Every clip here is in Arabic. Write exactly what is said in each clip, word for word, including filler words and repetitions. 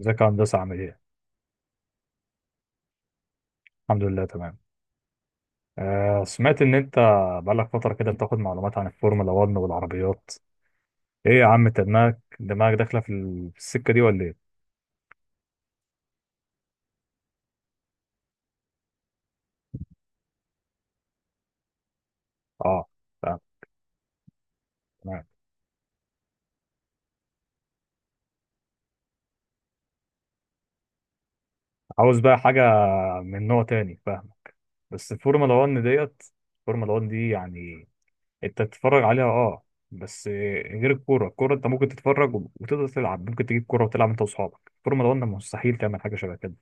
ازيك يا هندسة عامل ايه؟ الحمد لله تمام. آه سمعت ان انت بقالك فترة كده بتاخد معلومات عن الفورمولا واحد والعربيات. ايه يا عم انت دماغك دماغك داخلة في ال- في السكة دي ولا ايه؟ اه فاهم تمام. عاوز بقى حاجة من نوع تاني فاهمك. بس الفورمولا واحد ديت الفورمولا واحد دي يعني انت تتفرج عليها اه بس. غير الكورة، الكورة انت ممكن تتفرج وتقدر تلعب، ممكن تجيب كورة وتلعب انت واصحابك. الفورمولا واحد مستحيل تعمل حاجة شبه كده.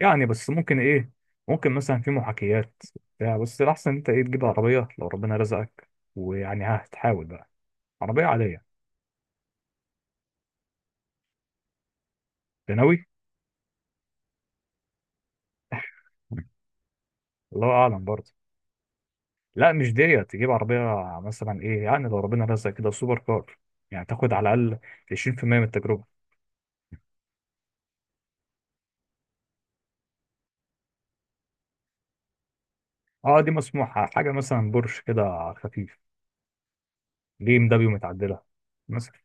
يعني بس ممكن ايه، ممكن مثلا في محاكيات بتاع، بس الاحسن انت ايه تجيب عربيه لو ربنا رزقك ويعني ها هتحاول بقى. عربيه عاديه أنت ناوي؟ الله اعلم برضه. لا مش ديت تجيب عربيه مثلا ايه يعني لو ربنا رزقك كده سوبر كار يعني تاخد على الاقل عشرين في المية من التجربه. اه دي مسموحه حاجه مثلا بورش كده خفيف ليه مدبي ومتعدله مثلا.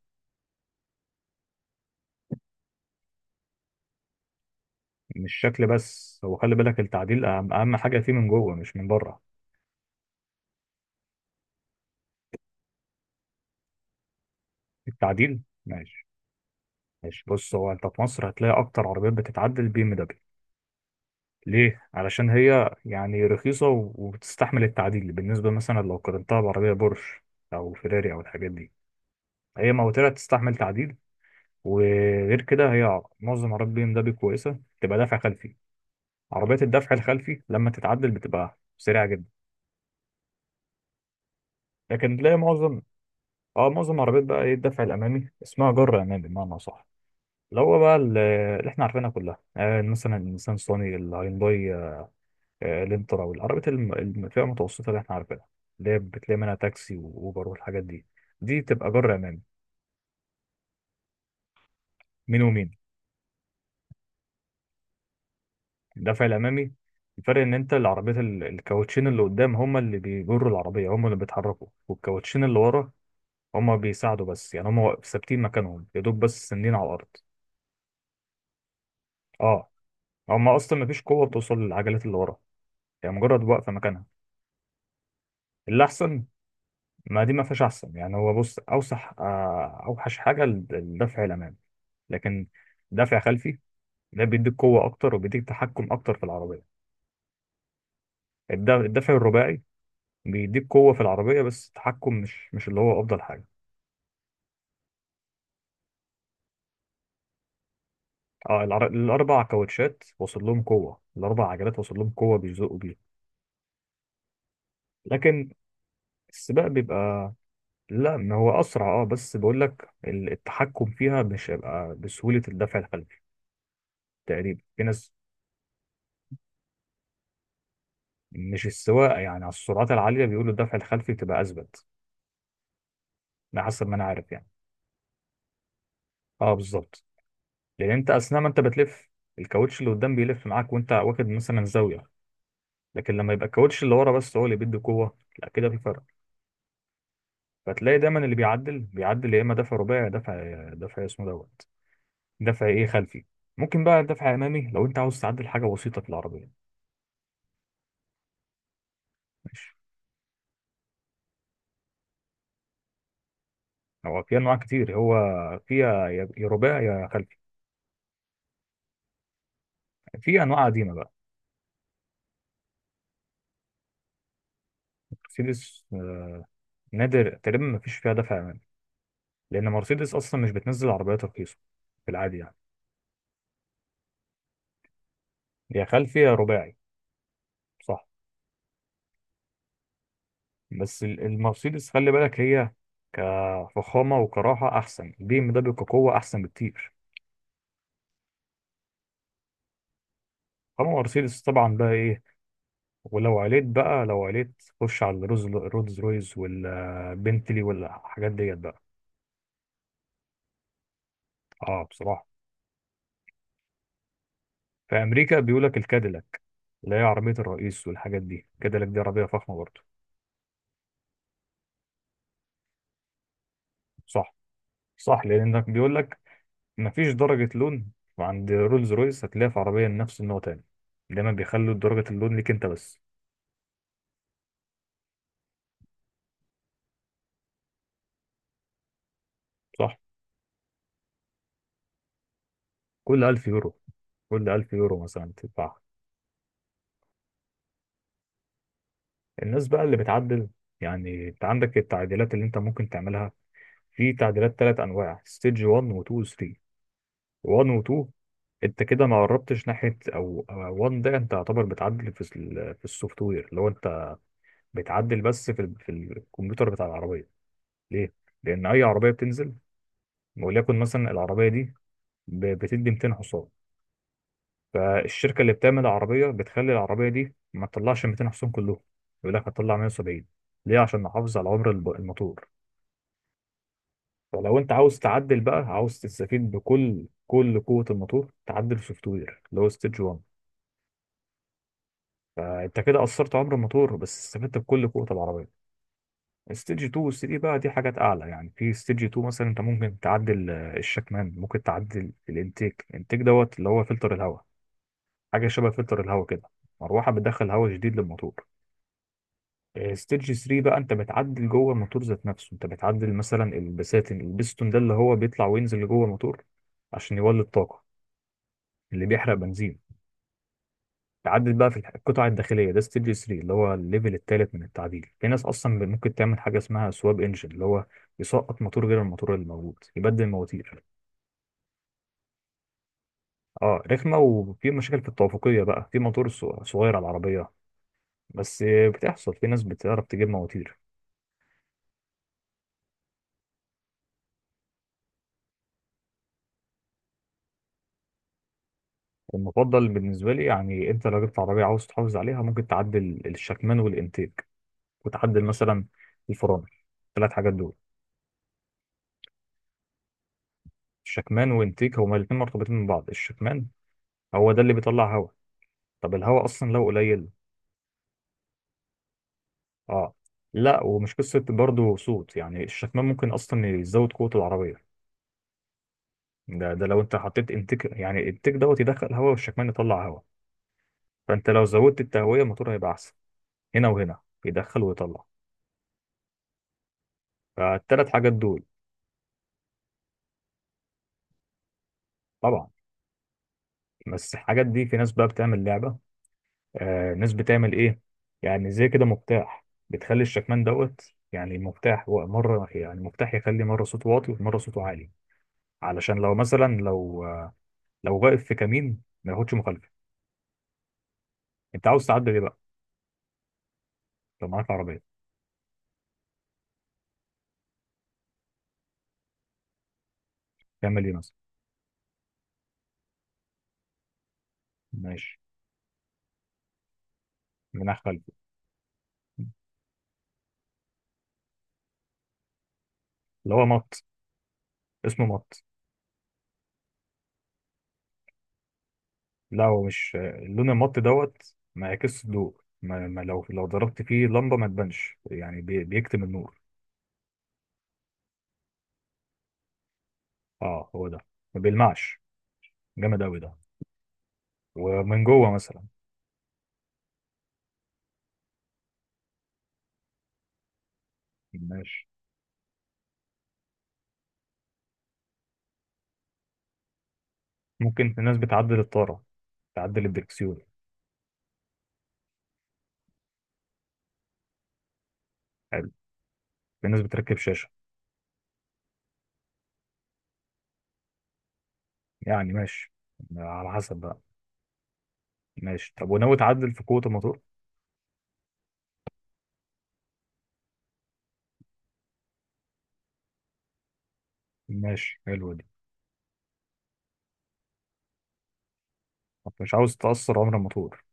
مش شكل بس، هو خلي بالك التعديل اهم اهم حاجه فيه من جوه مش من بره. التعديل ماشي. ماشي بص، هو انت في مصر هتلاقي اكتر عربيات بتتعدل البي ام دبليو. ليه؟ علشان هي يعني رخيصه و- وبتستحمل التعديل بالنسبه، مثلا لو قارنتها بعربيه بورش او فيراري او الحاجات دي. هي موتورها تستحمل تعديل. وغير كده هي معظم عربيات بي ام دبليو كويسه تبقى دافع خلفي. عربيات الدفع الخلفي لما تتعدل بتبقى سريعه جدا. لكن تلاقي معظم اه معظم عربيات بقى ايه، الدفع الامامي، اسمها جر امامي بمعنى صح، اللي هو بقى ال- اللي احنا عارفينها كلها، آه مثلا النيسان صاني، الهيونداي آه، الانترا، والعربيات الم- الفئة المتوسطة اللي احنا عارفينها، اللي هي بتلاقي منها تاكسي وأوبر والحاجات دي. دي بتبقى جر أمامي. مين ومين؟ الدفع الأمامي. الفرق إن أنت العربيات ال- الكاوتشين اللي قدام هما اللي بيجروا العربية، هما اللي بيتحركوا. والكاوتشين اللي ورا هما بيساعدوا بس، يعني هما واقف- ثابتين مكانهم يا دوب، بس سندين على الأرض. اه، هما أصلا مفيش قوة بتوصل للعجلات اللي ورا، يعني مجرد واقفة مكانها. اللي أحسن؟ ما دي ما فيهاش أحسن، يعني هو بص أوسح آه، أوحش حاجة الدفع الأمامي. لكن دافع خلفي ده بيديك قوة أكتر وبيديك تحكم أكتر في العربية. الد- الدافع الرباعي بيديك قوة في العربية، بس التحكم مش مش اللي هو أفضل حاجة. اه، العر... الأربع كاوتشات وصل لهم قوة، الأربع عجلات وصل لهم قوة بيزقوا بيها. لكن السباق بيبقى، لا ما هو أسرع، اه بس بقول لك ال- التحكم فيها مش هيبقى بسهولة الدفع الخلفي. تقريبا، في ناس، مش السواقة يعني، على السرعات العالية بيقولوا الدفع الخلفي بتبقى أثبت. ده حسب ما أنا عارف يعني. اه بالظبط، لان انت اثناء ما انت بتلف الكاوتش اللي قدام بيلف معاك وانت واخد مثلا زاويه، لكن لما يبقى الكاوتش اللي ورا بس هو اللي بيدي قوه لا، كده في فرق. فتلاقي دايما اللي بيعدل بيعدل يا اما دفع رباعي، يا دفع دفع اسمه دوت، دفع ايه، خلفي. ممكن بقى دفع امامي لو انت عاوز تعدل حاجه بسيطه في العربيه. ماشي. هو في انواع كتير، هو فيها يا يا رباعي يا خلفي. في انواع قديمه بقى. مرسيدس، آه، نادر تقريبا ما فيش فيها دفع امامي، لان مرسيدس اصلا مش بتنزل عربيات رخيصه في العادي يعني. يا خلفي يا رباعي. صح، بس ال- المرسيدس خلي بالك هي كفخامة وكراحة أحسن، البي ام دبليو كقوة أحسن بكتير. أما مرسيدس طبعا بقى إيه. ولو عليت بقى، لو عليت، خش على الروز رولز رويز والبنتلي والحاجات ديت بقى. أه بصراحة. في أمريكا بيقولك الكاديلاك، اللي هي عربية الرئيس والحاجات دي. الكاديلاك دي عربية فخمة برضه. صح. صح، لأنك بيقولك مفيش درجة لون عند رولز رويس هتلاقيها في عربية نفس النوع تاني. دايما بيخلوا درجة اللون ليك أنت بس. صح. كل ألف يورو كل ألف يورو مثلا تدفعها. الناس بقى اللي بتعدل، يعني انت عندك التعديلات اللي انت ممكن تعملها. في تعديلات ثلاث انواع، ستيج واحد و اتنين و تلاتة. واحد و اتنين انت كده ما قربتش ناحيه، او أو واحد ده انت يعتبر بتعدل في ال- في السوفت وير. لو انت بتعدل بس في ال- في الكمبيوتر بتاع العربيه. ليه؟ لان اي عربيه بتنزل، وليكن مثلا العربيه دي ب- بتدي مئتين حصان، فالشركة اللي بتعمل العربية بتخلي العربية دي ما تطلعش مئتين حصان كلهم، يقول لك هتطلع مية وسبعين. ليه؟ عشان نحافظ على عمر الب- الموتور. فلو انت عاوز تعدل بقى، عاوز تستفيد بكل كل قوة الموتور، تعدل سوفت وير اللي هو ستيج واحد. فانت كده قصرت عمر الموتور بس استفدت بكل قوة العربية. ستيج اتنين و تلاتة بقى دي حاجات اعلى. يعني في ستيج اتنين مثلا انت ممكن تعدل آه، الشكمان، ممكن تعدل الانتيك الانتيك دوت اللي هو فلتر الهواء، حاجة شبه فلتر الهواء كده، مروحة بتدخل هواء جديد للموتور. ستيج تلاتة بقى انت بتعدل جوه الموتور ذات نفسه، انت بتعدل مثلا البساتين البستون ده اللي هو بيطلع وينزل لجوه الموتور عشان يولد طاقة، اللي بيحرق بنزين. تعدل بقى في الح- القطع الداخلية، ده ستيج تلاتة، اللي هو الليفل الثالث من التعديل. في ناس اصلا ممكن تعمل حاجة اسمها سواب انجن، اللي هو يسقط موتور غير الموتور اللي موجود، يبدل المواتير. اه رخمة، وفي مشاكل في التوافقية بقى، في موتور ص- صغير على العربية. بس بتحصل، في ناس بتعرف تجيب مواتير. المفضل بالنسبة لي، يعني أنت لو جبت عربية عاوز تحافظ عليها ممكن تعدل الشكمان والإنتيك، وتعدل مثلا الفرامل. الثلاث حاجات دول، الشكمان والإنتيك هما الاتنين مرتبطين من بعض. الشكمان هو ده اللي بيطلع هواء، طب الهواء أصلا لو قليل، أه لا، ومش قصة برضه صوت يعني، الشكمان ممكن أصلا يزود قوة العربية. ده ده لو أنت حطيت إنتيك، يعني الإنتيك دوت يدخل هواء والشكمان يطلع هواء، فأنت لو زودت التهوية الموتور هيبقى أحسن. هنا وهنا، يدخل ويطلع. فالتلات حاجات دول. طبعا بس الحاجات دي في ناس بقى بتعمل لعبة. آه ناس بتعمل ايه، يعني زي كده مفتاح، بتخلي الشكمان دوت، يعني المفتاح هو مرة، يعني مفتاح يخلي مرة صوته واطي ومرة صوته عالي، علشان لو مثلا لو آه لو واقف في كمين ما ياخدش مخالفة. انت عاوز تعدل ايه بقى لو معاك عربية؟ تعمل ايه مثلا؟ ماشي. مناخ خلفي. اللي هو مط، اسمه مط. لا، هو مش آه، لون المط دوت ما يعكسش الضوء، ما ما لو لو ضربت فيه لمبة ما تبانش، يعني بي- بيكتم النور. اه هو ده، ما بيلمعش، جامد أوي ده. ومن جوه مثلا، ماشي. ممكن في ناس بتعدل الطارة، تعدل الدركسيون. حلو. في ناس بتركب شاشة. يعني ماشي، على حسب بقى. ماشي، طب وناوي تعدل في قوة الموتور؟ ماشي، حلوة دي. طب مش عاوز تأثر عمر الموتور.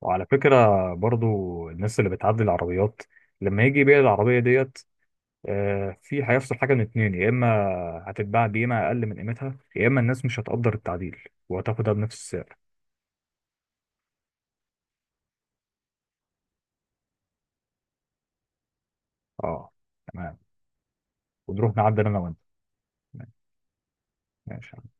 وعلى فكرة، برضو الناس اللي بتعدل العربيات لما يجي يبيع العربية ديت آه، في هيحصل حاجة من اتنين، يا إما هتتباع بقيمة أقل من قيمتها، يا إما الناس مش هتقدر التعديل وهتاخدها بنفس السعر. اه تمام. ونروح نعدل أنا وأنت. ماشي.